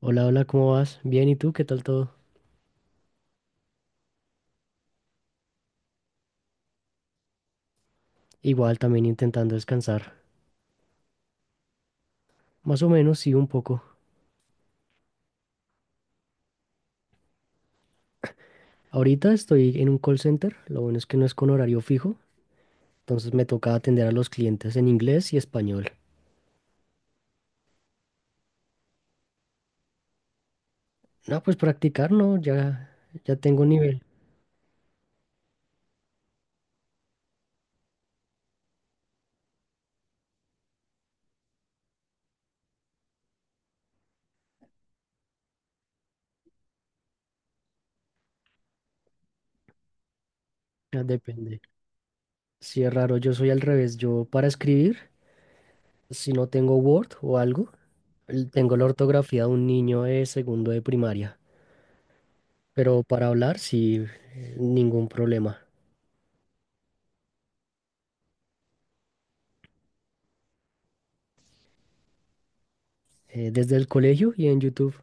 Hola, hola, ¿cómo vas? Bien, ¿y tú? ¿Qué tal todo? Igual, también intentando descansar. Más o menos, sí, un poco. Ahorita estoy en un call center, lo bueno es que no es con horario fijo, entonces me toca atender a los clientes en inglés y español. No, pues practicar no, ya, ya tengo nivel, ya depende. Si es raro, yo soy al revés, yo para escribir, si no tengo Word o algo, tengo la ortografía de un niño de segundo de primaria, pero para hablar, sí, ningún problema. Desde el colegio y en YouTube.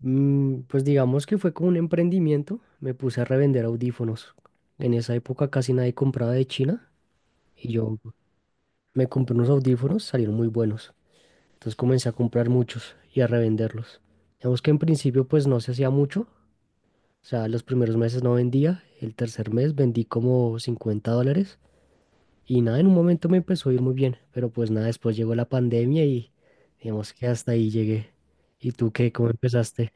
Mm, pues digamos que fue como un emprendimiento. Me puse a revender audífonos. En esa época casi nadie compraba de China y yo me compré unos audífonos, salieron muy buenos. Entonces comencé a comprar muchos y a revenderlos. Digamos que en principio pues no se hacía mucho. O sea, los primeros meses no vendía. El tercer mes vendí como 50 dólares. Y nada, en un momento me empezó a ir muy bien. Pero pues nada, después llegó la pandemia y digamos que hasta ahí llegué. ¿Y tú qué? ¿Cómo empezaste?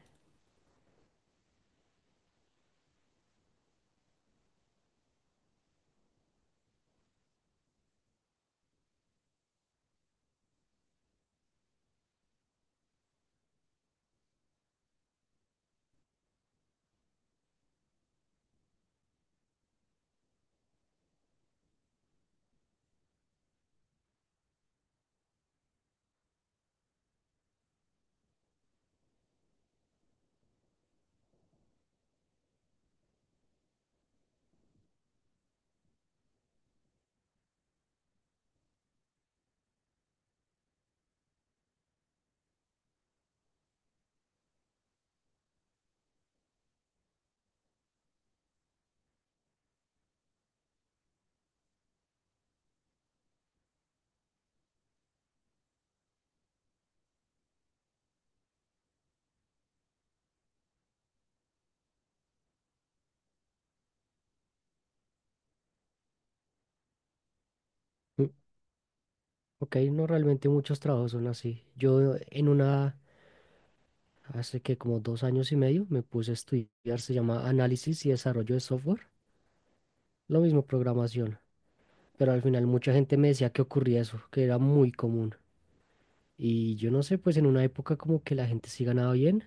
Ok, no realmente muchos trabajos son así. Yo hace que como 2 años y medio, me puse a estudiar, se llama análisis y desarrollo de software, lo mismo programación, pero al final mucha gente me decía que ocurría eso, que era muy común. Y yo no sé, pues en una época como que la gente sí ganaba bien,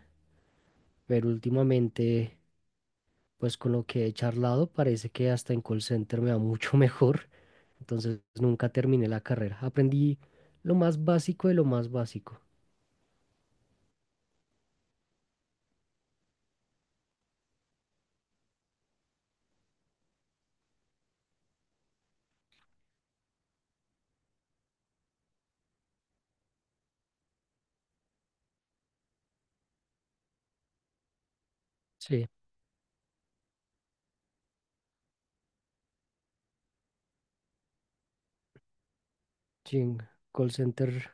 pero últimamente, pues con lo que he charlado, parece que hasta en call center me va mucho mejor, entonces nunca terminé la carrera. Aprendí lo más básico de lo más básico. Sí, sí, en call center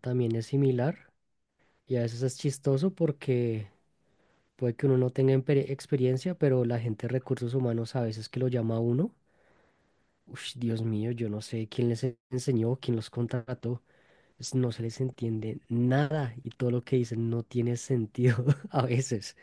también es similar y a veces es chistoso porque puede que uno no tenga experiencia, pero la gente de recursos humanos a veces que lo llama a uno, uff, Dios mío, yo no sé quién les enseñó, quién los contrató, no se les entiende nada y todo lo que dicen no tiene sentido a veces.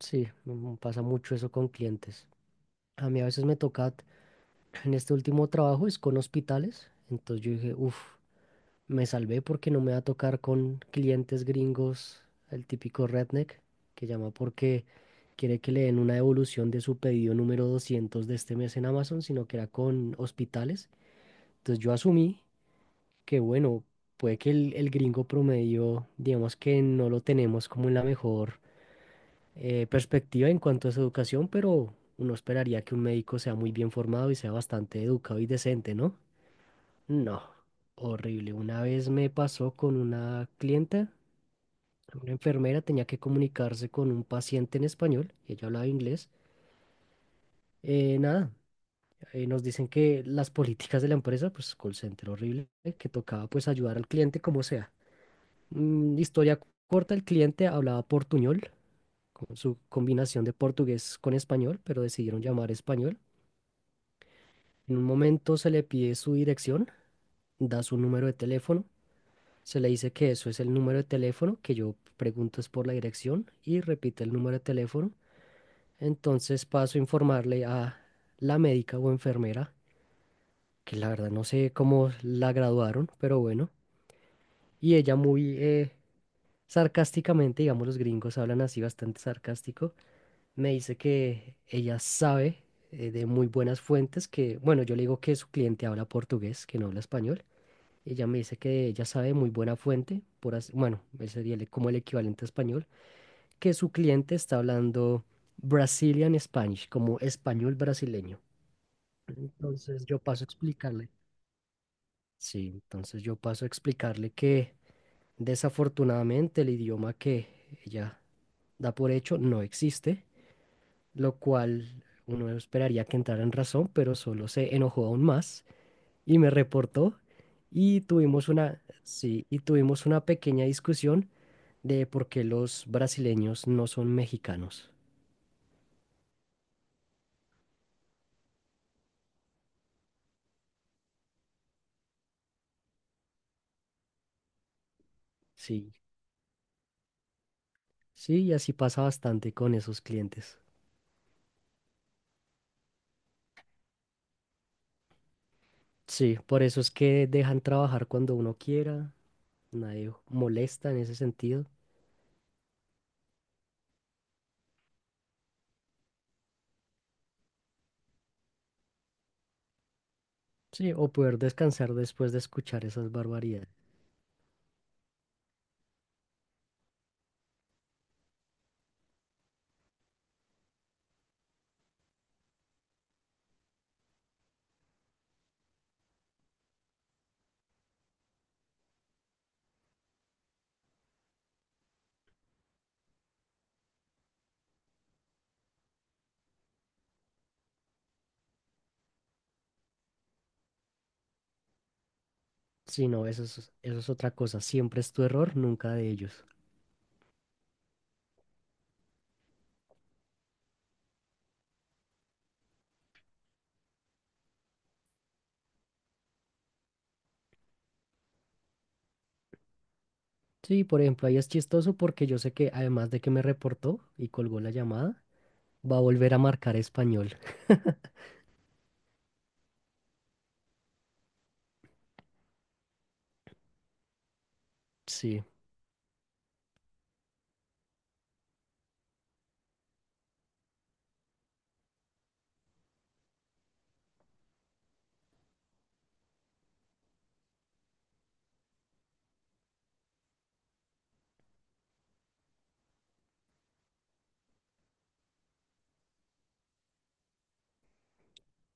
Sí, mm, pasa mucho eso con clientes. A mí a veces me toca, en este último trabajo es con hospitales, entonces yo dije, uff. Me salvé porque no me va a tocar con clientes gringos, el típico redneck, que llama porque quiere que le den una devolución de su pedido número 200 de este mes en Amazon, sino que era con hospitales. Entonces yo asumí que, bueno, puede que el gringo promedio, digamos que no lo tenemos como en la mejor perspectiva en cuanto a su educación, pero uno esperaría que un médico sea muy bien formado y sea bastante educado y decente, ¿no? No. Horrible. Una vez me pasó con una clienta. Una enfermera tenía que comunicarse con un paciente en español y ella hablaba inglés. Nada, nos dicen que las políticas de la empresa, pues call center horrible, que tocaba pues ayudar al cliente como sea. Mm, historia corta, el cliente hablaba portuñol, con su combinación de portugués con español, pero decidieron llamar español. En un momento se le pide su dirección, da su número de teléfono, se le dice que eso es el número de teléfono, que yo pregunto es por la dirección y repite el número de teléfono. Entonces paso a informarle a la médica o enfermera, que la verdad no sé cómo la graduaron, pero bueno. Y ella muy sarcásticamente, digamos los gringos hablan así bastante sarcástico, me dice que ella sabe de muy buenas fuentes que, bueno, yo le digo que su cliente habla portugués, que no habla español. Ella me dice que ella sabe de muy buena fuente, por bueno, ese sería como el equivalente a español, que su cliente está hablando Brazilian Spanish, como español brasileño. Entonces yo paso a explicarle, sí, entonces yo paso a explicarle que desafortunadamente el idioma que ella da por hecho no existe, lo cual uno esperaría que entrara en razón, pero solo se enojó aún más y me reportó y tuvimos una, sí, y tuvimos una pequeña discusión de por qué los brasileños no son mexicanos. Sí, sí, y así pasa bastante con esos clientes. Sí, por eso es que dejan trabajar cuando uno quiera, nadie molesta en ese sentido. Sí, o poder descansar después de escuchar esas barbaridades. Sí, no, eso es otra cosa. Siempre es tu error, nunca de ellos. Sí, por ejemplo, ahí es chistoso porque yo sé que además de que me reportó y colgó la llamada, va a volver a marcar español. Sí,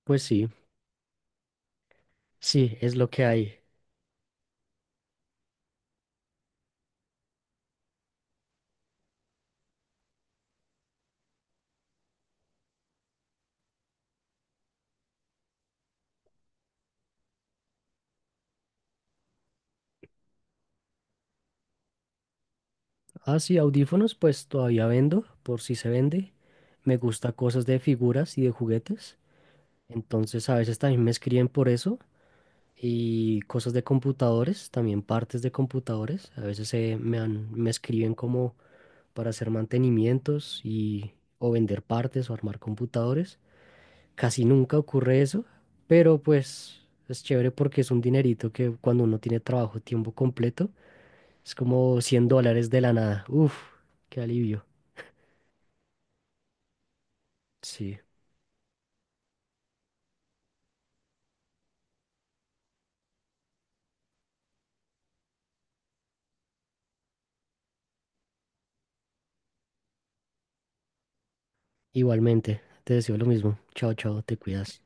pues sí, sí, es lo que hay. Ah, sí, audífonos, pues todavía vendo, por si se vende. Me gusta cosas de figuras y de juguetes. Entonces a veces también me escriben por eso y cosas de computadores, también partes de computadores. A veces me escriben como para hacer mantenimientos y o vender partes o armar computadores. Casi nunca ocurre eso, pero pues es chévere porque es un dinerito que cuando uno tiene trabajo tiempo completo es como 100 dólares de la nada. Uf, qué alivio. Sí, igualmente. Te deseo lo mismo. Chao, chao, te cuidas.